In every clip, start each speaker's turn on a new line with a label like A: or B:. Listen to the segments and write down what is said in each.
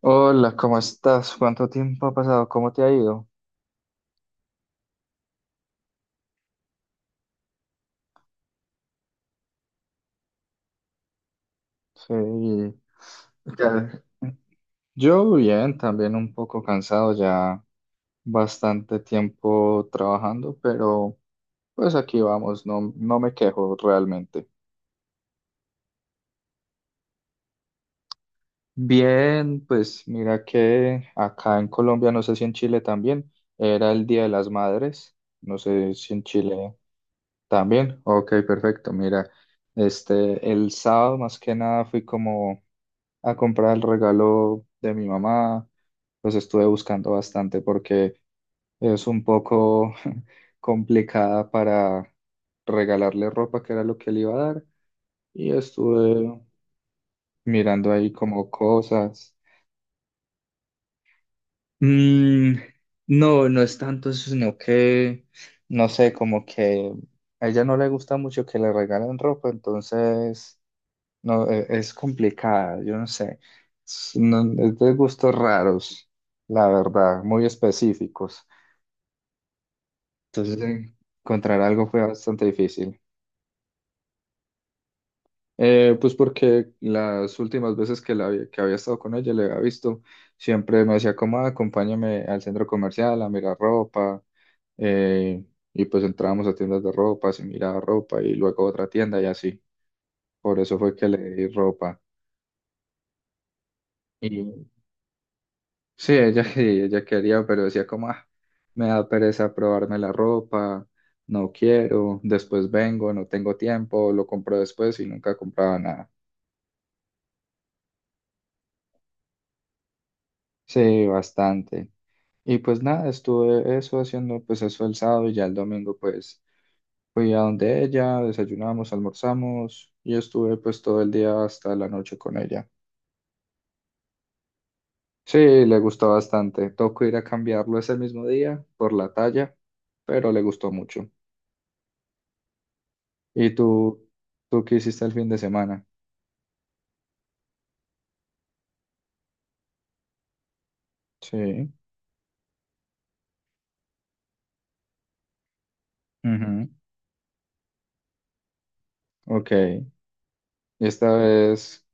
A: Hola, ¿cómo estás? ¿Cuánto tiempo ha pasado? ¿Cómo te ha ido? Sí. ya- Yo bien, también un poco cansado, ya bastante tiempo trabajando, pero pues aquí vamos, no, no me quejo realmente. Bien, pues mira que acá en Colombia, no sé si en Chile también, era el Día de las Madres, no sé si en Chile también. Ok, perfecto, mira, este, el sábado más que nada fui como a comprar el regalo de mi mamá, pues estuve buscando bastante porque es un poco complicada para regalarle ropa, que era lo que le iba a dar, y estuve mirando ahí como cosas. Mm, no, no es tanto eso, sino que, no sé, como que a ella no le gusta mucho que le regalen ropa, entonces no, es complicada, yo no sé. Es, es de gustos raros, la verdad, muy específicos. Entonces, encontrar algo fue bastante difícil. Pues porque las últimas veces que, que había estado con ella, le había visto, siempre me decía como, "Ah, acompáñame al centro comercial a mirar ropa. eh, y pues entrábamos a tiendas de ropa, se miraba ropa y luego a otra tienda y así. Por eso fue que le di ropa. Sí, ella, ella quería, pero decía como, "Ah, me da pereza probarme la ropa, no quiero, después vengo, no tengo tiempo, lo compro después y nunca compraba nada. Sí, bastante. Y pues nada, estuve eso haciendo pues eso el sábado y ya el domingo pues fui a donde ella, desayunamos, almorzamos y estuve pues todo el día hasta la noche con ella. Sí, le gustó bastante. Tocó ir a cambiarlo ese mismo día por la talla, pero le gustó mucho. ¿Y tú qué hiciste el fin de semana? Sí. Ujú. Ok. Y esta vez,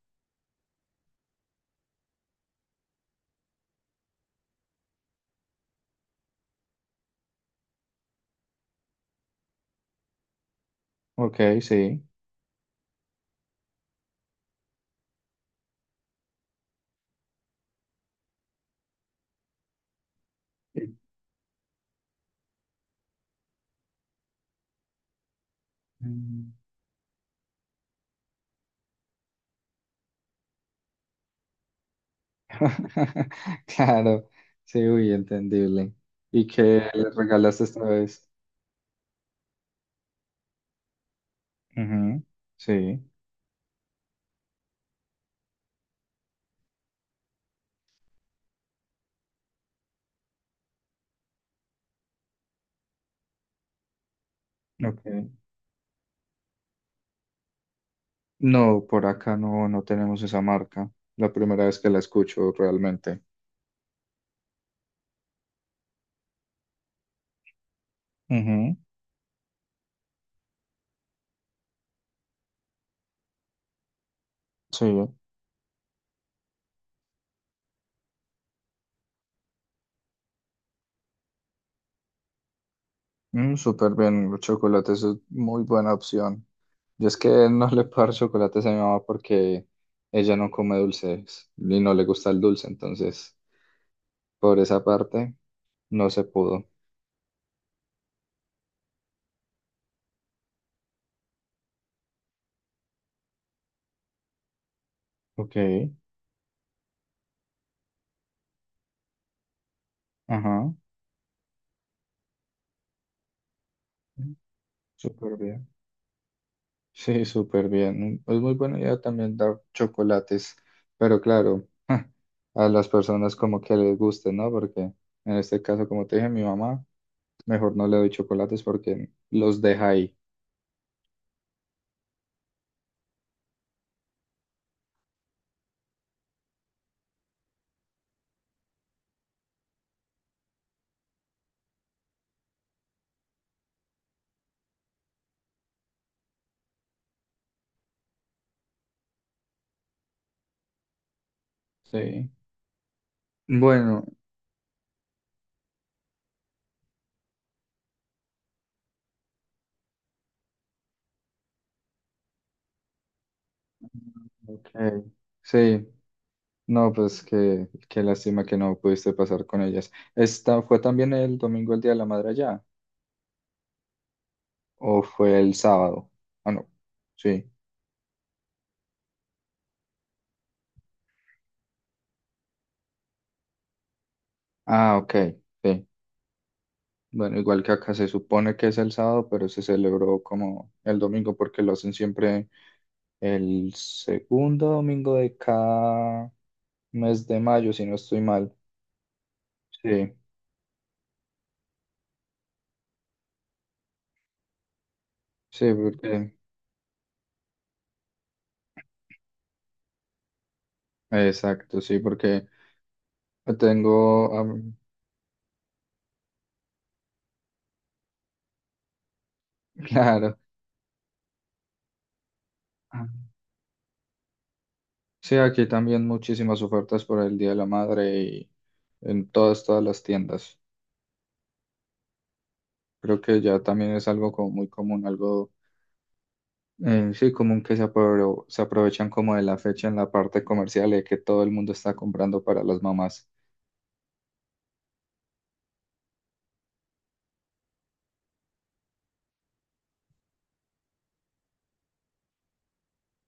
A: ok, sí. Y- Mm. Claro, sí, uy, entendible. ¿Y qué le regalaste esta vez? Ujú. Sí. Ok. No, por acá no, no tenemos esa marca. La primera vez que la escucho realmente. Ujú. Sí. Mm, súper bien. Los chocolates es muy buena opción. Yo es que no le puedo dar chocolates a mi mamá porque ella no come dulces y no le gusta el dulce, entonces por esa parte no se pudo. Ok, ajá, súper bien. Sí, súper bien. Es muy buena idea también dar chocolates, pero claro, a las personas como que les guste, ¿no? Porque en este caso, como te dije, mi mamá, mejor no le doy chocolates porque los deja ahí. Sí. Bueno, ok. Sí, no, pues qué, qué lástima que no pudiste pasar con ellas. ¿Esta fue también el domingo el Día de la Madre allá? ¿O fue el sábado? Ah, no. Sí. Ah, ok. Sí. Bueno, igual que acá se supone que es el sábado, pero se celebró como el domingo porque lo hacen siempre el segundo domingo de cada mes de mayo, si no estoy mal. Sí, sí, porque, exacto, sí, porque tengo, claro. Sí, aquí también muchísimas ofertas por el Día de la Madre y en todas, todas las tiendas. Creo que ya también es algo como muy común, algo sí común que se aprovechan como de la fecha en la parte comercial de que todo el mundo está comprando para las mamás.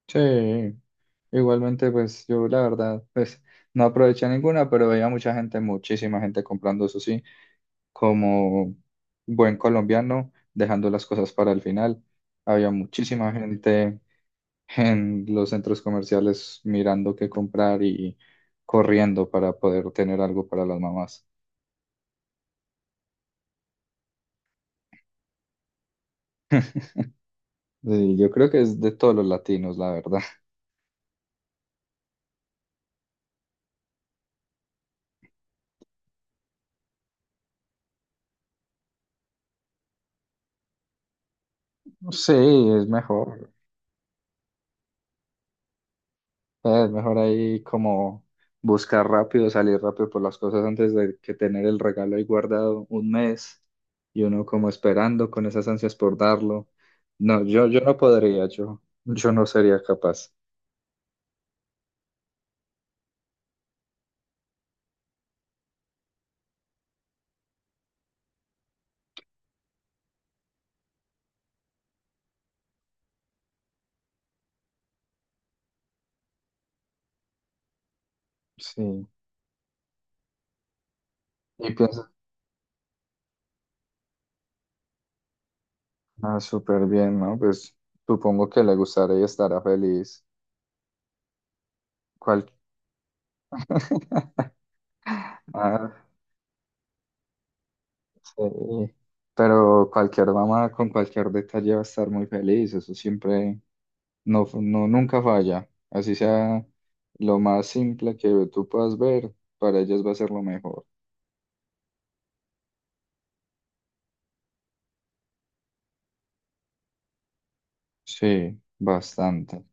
A: Sí, igualmente pues yo la verdad pues no aproveché ninguna, pero veía mucha gente, muchísima gente comprando eso sí, como buen colombiano, dejando las cosas para el final. Había muchísima gente en los centros comerciales mirando qué comprar y corriendo para poder tener algo para las mamás. Y yo creo que es de todos los latinos, la verdad. Sí, es mejor. Es mejor ahí como buscar rápido, salir rápido por las cosas antes de que tener el regalo ahí guardado un mes y uno como esperando con esas ansias por darlo. No, yo no podría, yo no sería capaz. Sí. ¿Y piensas Ah, súper bien, ¿no? Pues supongo que le gustará y estará feliz. Cual... Ah, sí. Pero cualquier mamá con cualquier detalle va a estar muy feliz. Eso siempre, no, no, nunca falla. Así sea lo más simple que tú puedas ver, para ellas va a ser lo mejor. Sí, bastante.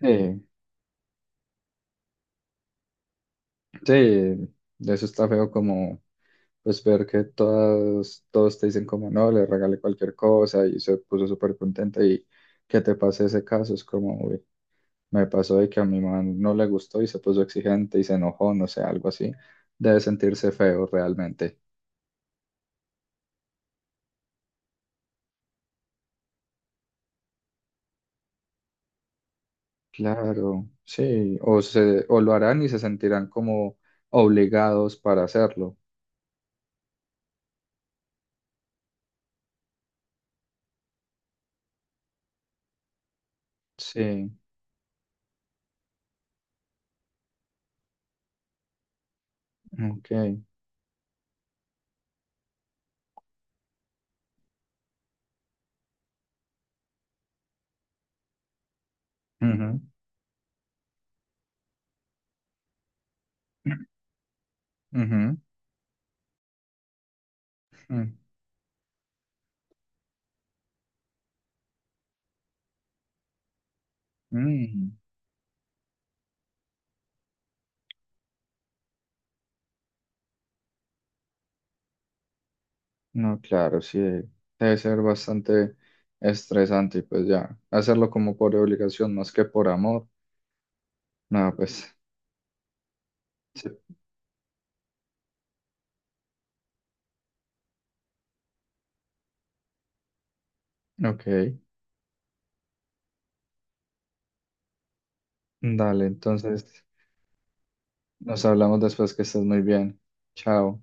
A: Sí, sí, eso está feo como. Pues ver que todas, todos te dicen como, "No, le regalé cualquier cosa y se puso súper contenta", y que te pase ese caso, es como, uy, me pasó de que a mi mamá no le gustó y se puso exigente y se enojó, no sé, algo así, debe sentirse feo realmente. Claro, sí, o se, o lo harán y se sentirán como obligados para hacerlo. Sí, ok. Ujú, ujú, mm, mm. No, claro, sí, debe ser bastante estresante y pues ya, hacerlo como por obligación más que por amor. No, pues, sí. Ok, dale, entonces nos hablamos después que estés muy bien. Chao.